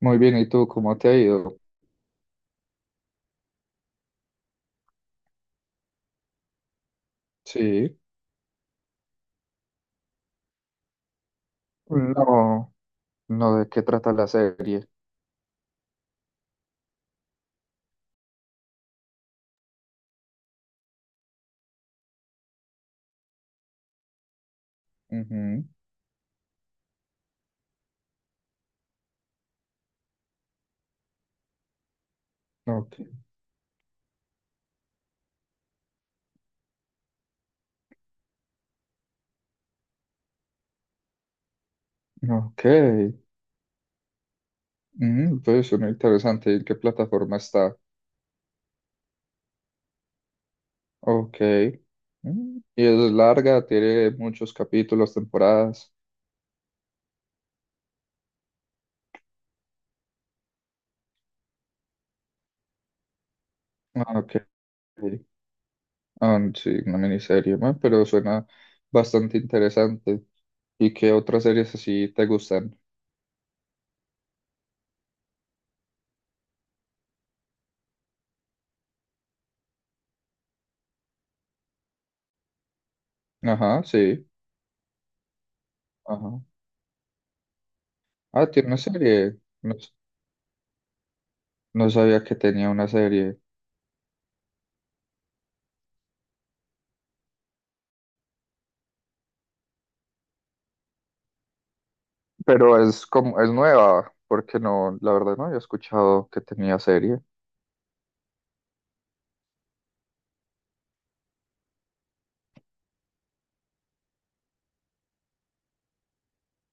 Muy bien, ¿y tú cómo te ha ido? Sí, no, no, ¿de qué trata la serie? Ujú. Ok, ok, pues suena interesante, ¿en qué plataforma está? Ok, y es larga, tiene muchos capítulos, temporadas. Ah, ok. Ah, sí, una miniserie, bueno, pero suena bastante interesante. ¿Y qué otras series así te gustan? Ajá, sí, ajá. Ah, tiene una serie, no sabía que tenía una serie. Pero es como, es nueva, porque no, la verdad no había escuchado que tenía serie.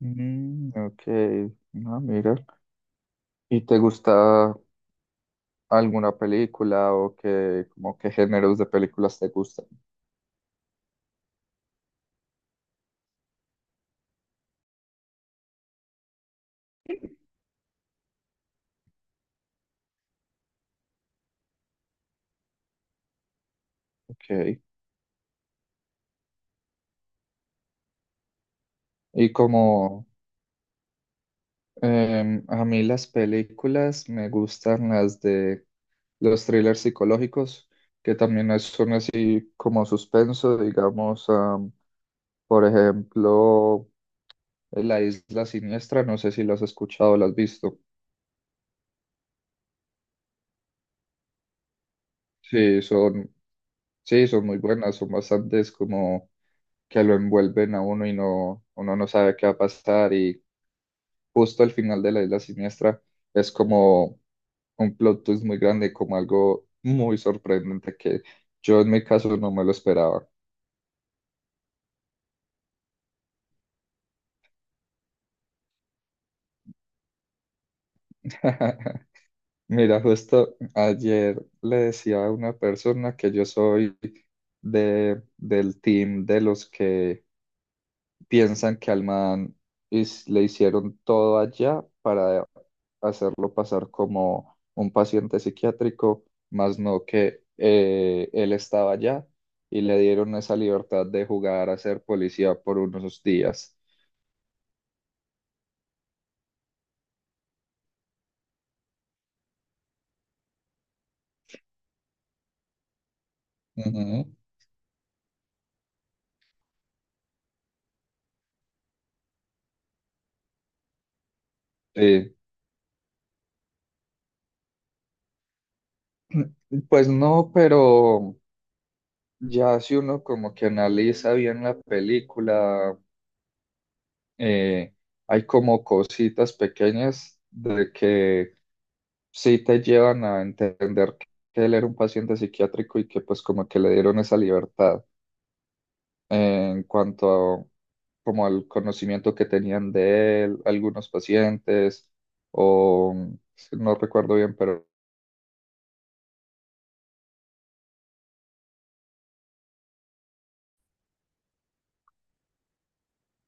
Mm, ok, no, mira. ¿Y te gusta alguna película o qué, como qué géneros de películas te gustan? Ok. Y como a mí las películas me gustan las de los thrillers psicológicos, que también son así como suspenso, digamos, am, por ejemplo. La Isla Siniestra, no sé si las has escuchado o las has visto. Sí, son, sí, son muy buenas, son bastantes como que lo envuelven a uno y no, uno no sabe qué va a pasar, y justo al final de La Isla Siniestra es como un plot twist muy grande, como algo muy sorprendente que yo en mi caso no me lo esperaba. Mira, justo ayer le decía a una persona que yo soy de, del team de los que piensan que al man le hicieron todo allá para hacerlo pasar como un paciente psiquiátrico, más no que él estaba allá y le dieron esa libertad de jugar a ser policía por unos días. Ujú. Eh, pues no, pero ya si uno como que analiza bien la película, eh, hay como cositas pequeñas de que sí te llevan a entender que él era un paciente psiquiátrico y que pues como que le dieron esa libertad en cuanto a, como al conocimiento que tenían de él algunos pacientes o si no recuerdo bien, pero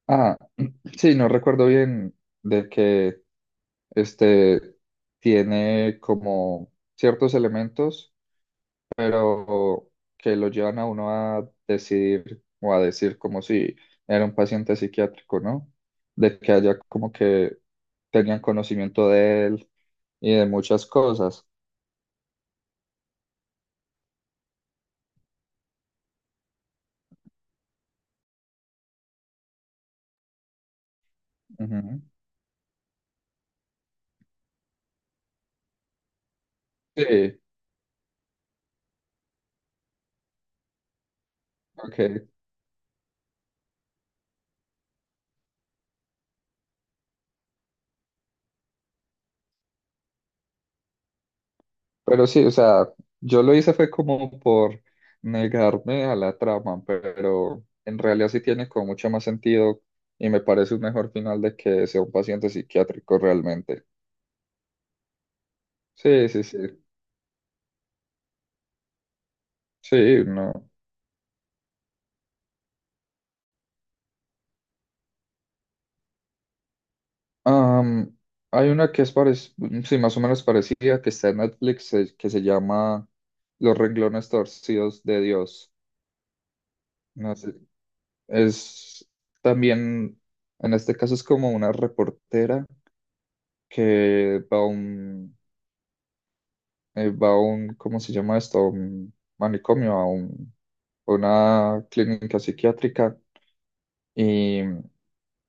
ah, sí, no recuerdo bien de que este tiene como ciertos elementos pero que lo llevan a uno a decidir o a decir como si era un paciente psiquiátrico, ¿no? De que haya como que tenían conocimiento de él y de muchas cosas. Ujú. Sí, ok. Pero sí, o sea, yo lo hice fue como por negarme a la trama, pero en realidad sí tiene como mucho más sentido y me parece un mejor final de que sea un paciente psiquiátrico realmente. Sí, sí, sí. Sí, no. Am, hay una que es sí, más o menos parecida, que está en Netflix, que se llama Los renglones torcidos de Dios. No sé, es también, en este caso es como una reportera que va a un, ¿cómo se llama esto? A un manicomio, a una clínica psiquiátrica,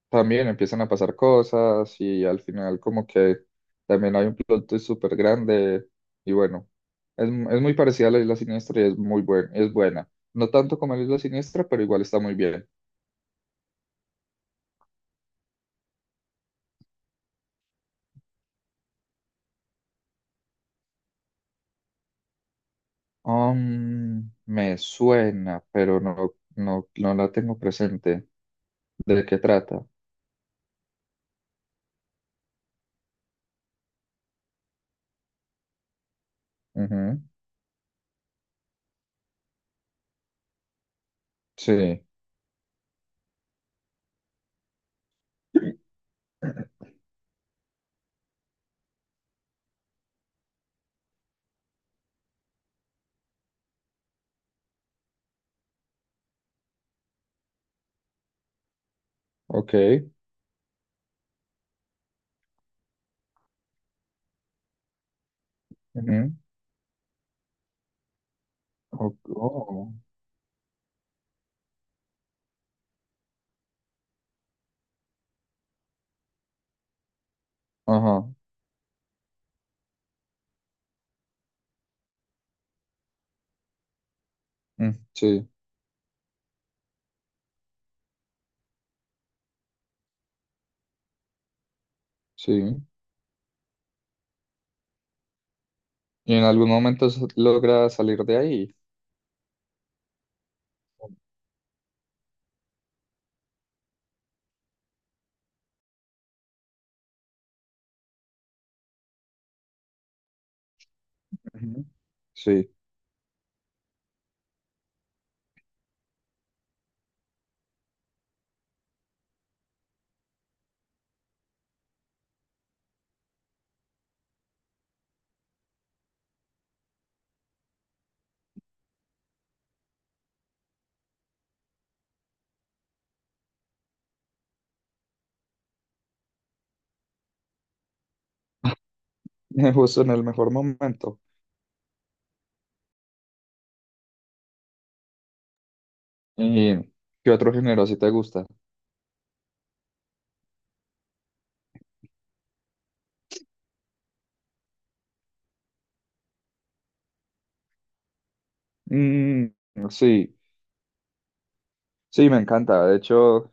también empiezan a pasar cosas y al final como que también hay un plot twist súper grande y bueno, es muy parecida a La Isla Siniestra y es muy buena, es buena. No tanto como La Isla Siniestra, pero igual está muy bien. Me suena, pero no, no, no la tengo presente. ¿De qué trata? Ujú. Sí, ok. Ujú, ok, oh. Ajá, sí, sí. ¿Y en algún momento logra salir de ahí? Ujú. Sí, justo en el mejor momento. ¿Y qué otro género si te gusta? Mm, sí, sí, me encanta. De hecho,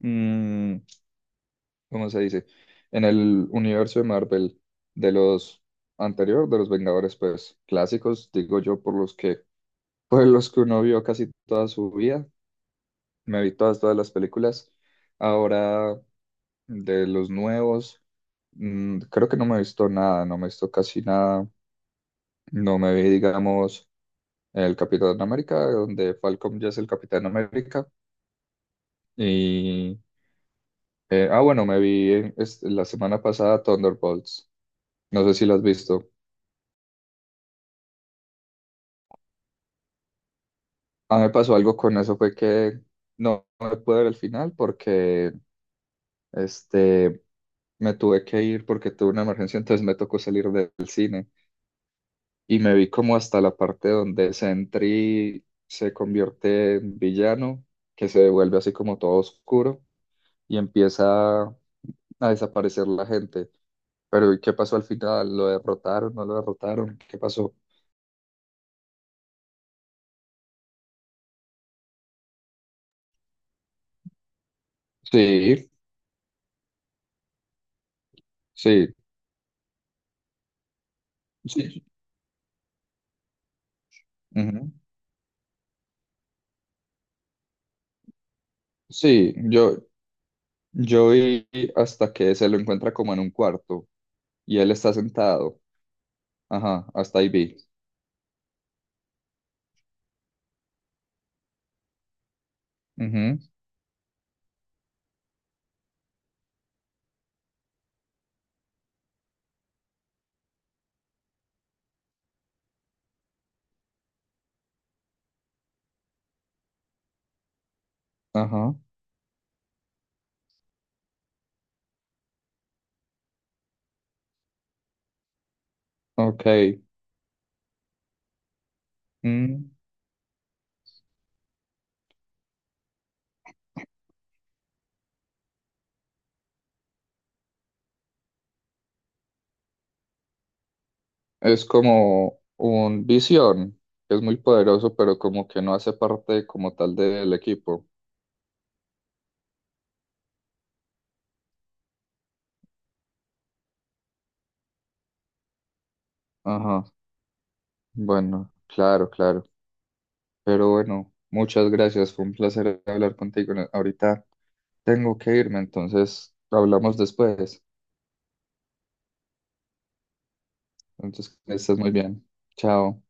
mm, ¿cómo se dice? En el universo de Marvel, de los anterior, de los Vengadores, pues clásicos, digo yo, por los que, por los que uno vio casi toda su vida, me vi todas, todas las películas. Ahora, de los nuevos, creo que no me he visto nada, no me he visto casi nada. No me vi, digamos, el Capitán América, donde Falcon ya es el Capitán América. Y, ah, bueno, me vi la semana pasada Thunderbolts. No sé si lo has visto. A mí me pasó algo con eso, fue que no, no me pude ver el final porque este, me tuve que ir porque tuve una emergencia, entonces me tocó salir del cine. Y me vi como hasta la parte donde Sentry se convierte en villano, que se vuelve así como todo oscuro y empieza a desaparecer la gente. Pero ¿y qué pasó al final? ¿Lo derrotaron? ¿No lo derrotaron? ¿Qué pasó? Sí, sí, sí. Ujú. Sí, yo vi hasta que se lo encuentra como en un cuarto y él está sentado. Ajá, hasta ahí vi. Ujú. Ajá, ok. Mm. Es como un visión, que es muy poderoso, pero como que no hace parte como tal del equipo. Ajá, bueno, claro, claro. Pero bueno, muchas gracias. Fue un placer hablar contigo. Ahorita tengo que irme, entonces hablamos después. Entonces, que estés muy bien. Chao.